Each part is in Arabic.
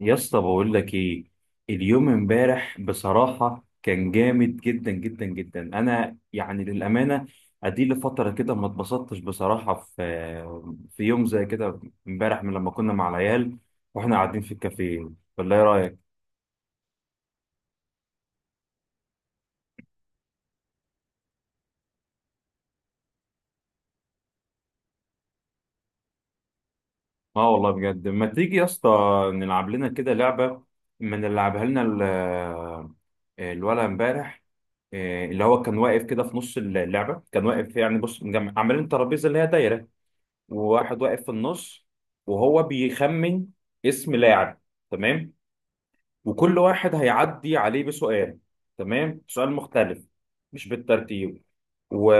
يا اسطى، بقول لك ايه؟ اليوم امبارح بصراحه كان جامد جدا جدا جدا. انا يعني للامانه ادي لي فتره كده ما اتبسطتش بصراحه في يوم زي كده. امبارح من لما كنا مع العيال واحنا قاعدين في الكافيه، ولا ايه رايك؟ اه والله بجد. ما تيجي يا اسطى نلعب لنا كده لعبه، ما نلعبها لنا الولد امبارح اللي هو كان واقف كده في نص اللعبه، كان واقف يعني بص عاملين ترابيزه اللي هي دايره وواحد واقف في النص وهو بيخمن اسم لاعب، تمام. وكل واحد هيعدي عليه بسؤال، تمام، سؤال مختلف، مش بالترتيب، و...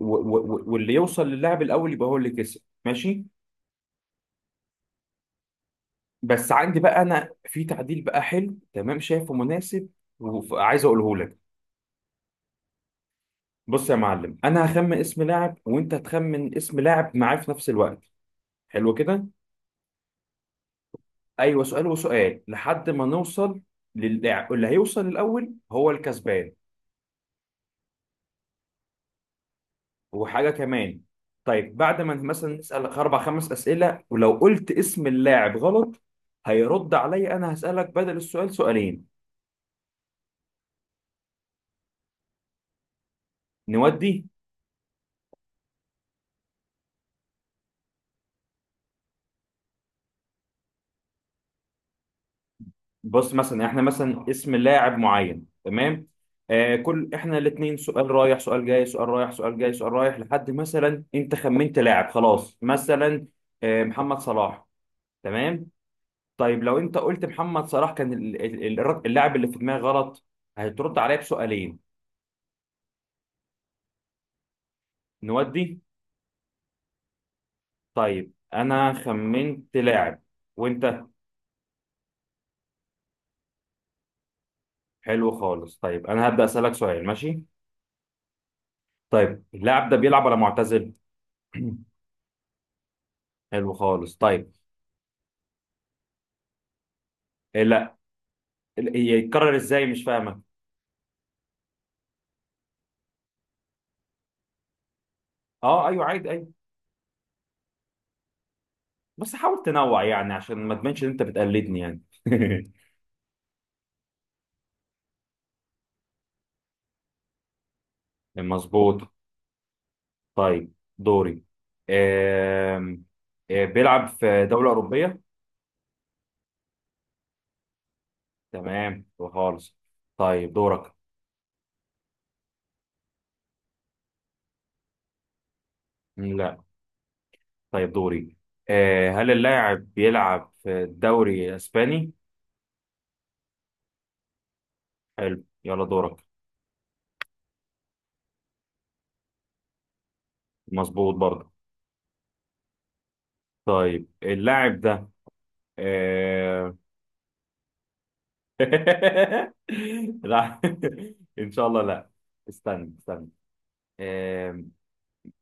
واللي يوصل للاعب الاول يبقى هو اللي كسب، ماشي. بس عندي بقى انا في تعديل بقى حلو تمام، شايفه مناسب، وعايز اقوله لك. بص يا معلم، انا هخمن اسم لاعب وانت هتخمن اسم لاعب معاه في نفس الوقت، حلو كده. ايوه، سؤال وسؤال لحد ما نوصل اللي هيوصل الاول هو الكسبان. وحاجه كمان، طيب بعد ما مثلا نسال اربع خمس اسئله، ولو قلت اسم اللاعب غلط هيرد عليا انا، هسالك بدل السؤال سؤالين. نودي. بص، مثلا احنا مثلا اسم لاعب معين، تمام، كل احنا الاثنين سؤال رايح سؤال جاي سؤال رايح سؤال جاي سؤال رايح لحد مثلا انت خمنت لاعب خلاص، مثلا محمد صلاح، تمام. طيب لو انت قلت محمد صلاح كان اللاعب اللي في دماغي غلط، هترد عليا بسؤالين. نودي. طيب انا خمنت لاعب وانت. حلو خالص، طيب انا هبدأ اسألك سؤال، ماشي. طيب اللاعب ده بيلعب ولا معتزل؟ حلو خالص، طيب. إيه، لا. هي يتكرر ازاي، مش فاهمك. اه ايوه عادي، ايوه. بس حاول تنوع يعني عشان ما تبانش ان انت بتقلدني يعني. مظبوط. طيب دوري. آم، بيلعب في دولة أوروبية، تمام، خالص. طيب دورك. لا. طيب دوري. هل اللاعب بيلعب في الدوري الاسباني؟ حلو يلا دورك. مظبوط برضه. طيب اللاعب ده آه... لا. ان شاء الله لا. استنى استنى. آه...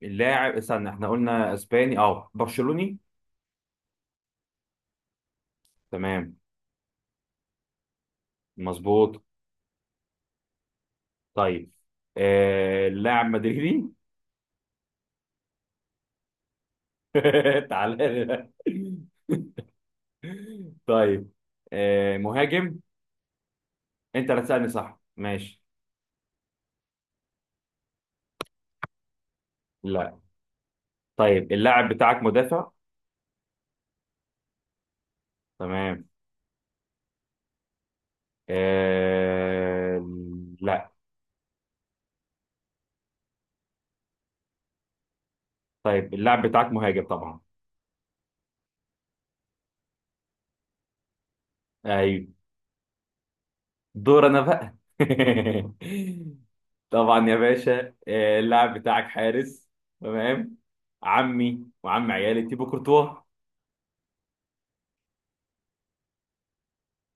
اللاعب استنى، احنا قلنا اسباني، اه برشلوني، تمام، مظبوط. طيب اللاعب مدريدي. تعالى لي. طيب مهاجم. انت اللي هتسألني صح، ماشي. لا. طيب اللاعب بتاعك مدافع، تمام. آه لا. طيب اللاعب بتاعك مهاجم طبعا. ايوه. دور انا بقى. طبعا يا باشا. اللاعب بتاعك حارس، تمام. عمي وعم عيالي تيبو كورتوا.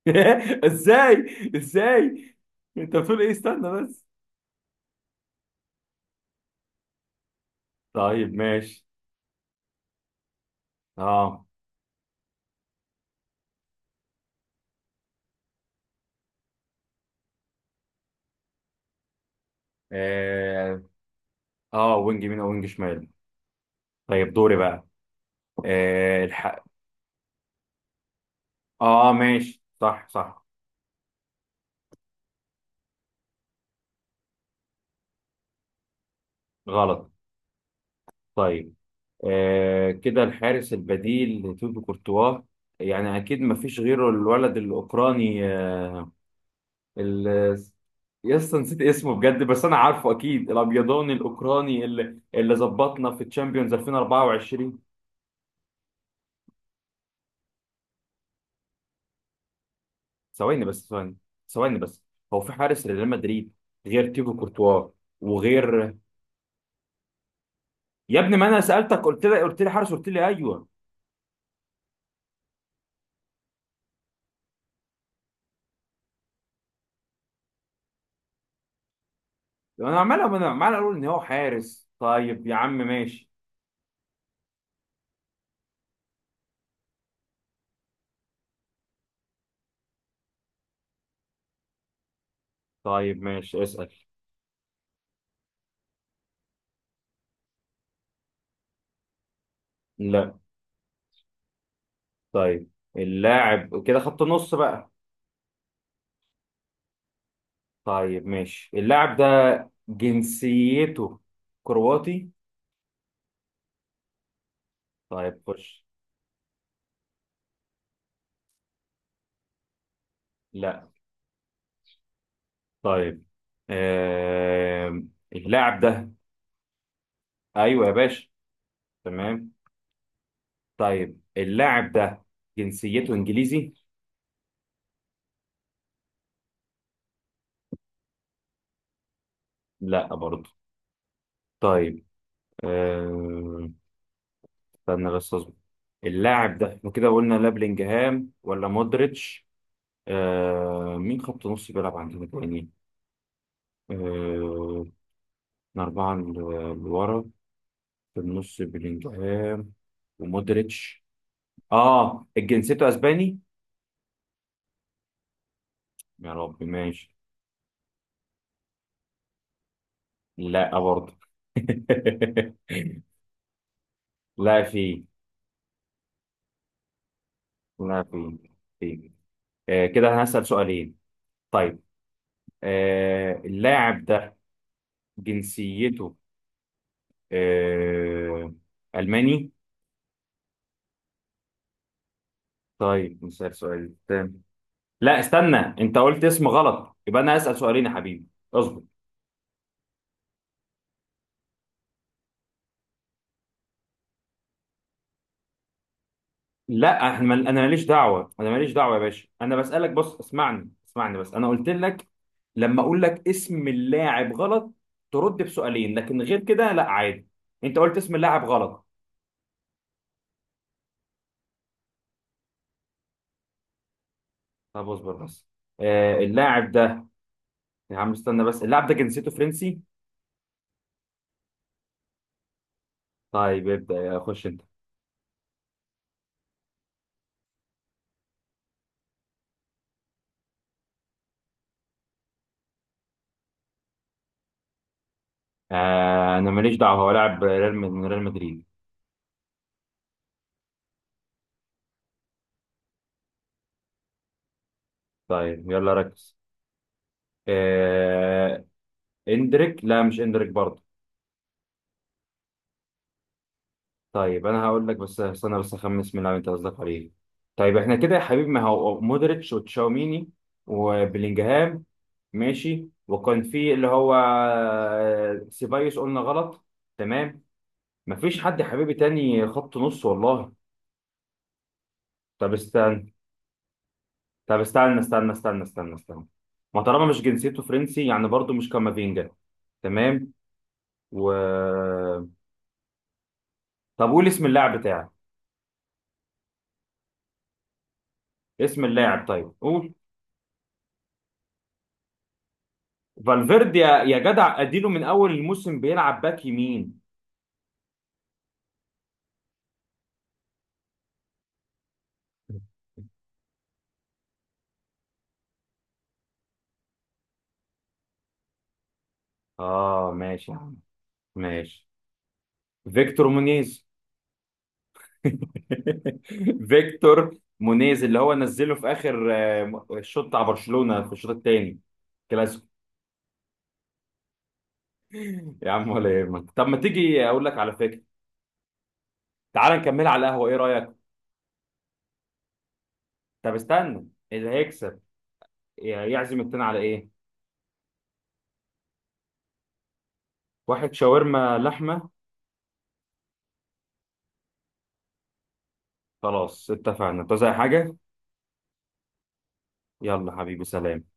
ازاي، ازاي؟ انت بتقول ايه، استنى بس. طيب ماشي. اه. آه، اه وينج يمين او وينج شمال. طيب دوري بقى. آه الح... اه ماشي، صح صح. غلط. طيب كده الحارس البديل لتوبي كورتوا، يعني اكيد ما فيش غيره. الولد الاوكراني ال... يس، نسيت اسمه بجد، بس انا عارفه اكيد الابيضاني الاوكراني اللي ظبطنا في تشامبيونز 2024. ثواني بس، ثواني، ثواني بس. هو في حارس لريال مدريد غير تيبو كورتوا وغير. يا ابني، ما انا سالتك، قلت لي، قلت لي حارس، قلت لي ايوه. انا عمال اقول ان هو حارس. طيب يا عم ماشي. طيب ماشي اسال. لا. طيب اللاعب كده خط نص بقى. طيب ماشي، اللاعب ده جنسيته كرواتي. طيب خش. لا. طيب آه... اللاعب ده، ايوه يا باشا، تمام. طيب اللاعب ده جنسيته انجليزي. لا برضه. طيب آه... استنى بس اصبر. اللاعب ده احنا كده قلنا لا بلينجهام ولا مودريتش. مين خط نص بيلعب عندنا تاني؟ آه احنا أربعة لورا في النص بلينجهام ومودريتش. اه جنسيته اسباني. يا رب، ماشي. لا برضه. لا في. لا في. في. كده انا هسأل سؤالين. طيب اللاعب ده جنسيته آه ألماني. طيب نسأل سؤال تاني. لا استنى، انت قلت اسم غلط يبقى انا اسال سؤالين يا حبيبي. اصبر. لا احنا انا ماليش دعوه، انا ماليش دعوه يا باشا. انا بسالك، بص، اسمعني، اسمعني بس، انا قلت لك لما اقول لك اسم اللاعب غلط ترد بسؤالين، لكن غير كده لا عادي. انت قلت اسم اللاعب غلط. طب اصبر بس. اللاعب ده. يا عم استنى بس، اللاعب ده جنسيته فرنسي. طيب ابدا، يا خش انت. انا ماليش دعوه، هو لاعب ريال من ريال مدريد. طيب يلا ركز. آه... اندريك. لا، مش اندريك برضه. طيب انا هقول لك بس استنى بس اخمس من اللاعب انت قصدك عليه. طيب احنا كده يا حبيبي، ما هو مودريتش وتشاوميني وبلينجهام، ماشي. وكان في اللي هو سيبايوس قلنا غلط، تمام. مفيش حد يا حبيبي تاني خط نص والله. طب استنى. طب استنى، استنى، استنى، استنى، استنى، ما طالما مش جنسيته فرنسي يعني برضه مش كامافينجا، تمام. و طب قول اسم اللاعب بتاعك. اسم اللاعب طيب قول. فالفيردي. يا جدع، اديله من اول الموسم بيلعب باك يمين. اه ماشي يا عم، ماشي. فيكتور مونيز. فيكتور مونيز اللي هو نزله في اخر الشوط بتاع برشلونة في الشوط الثاني، كلاسيكو. يا عم ولا يهمك. طب ما تيجي اقول لك على فكره، تعال نكملها على القهوه، ايه رايك؟ طب استنى، اللي هيكسب يعزم التاني على ايه؟ واحد شاورما لحمه. خلاص اتفقنا. انت زي حاجه؟ يلا حبيبي، سلام.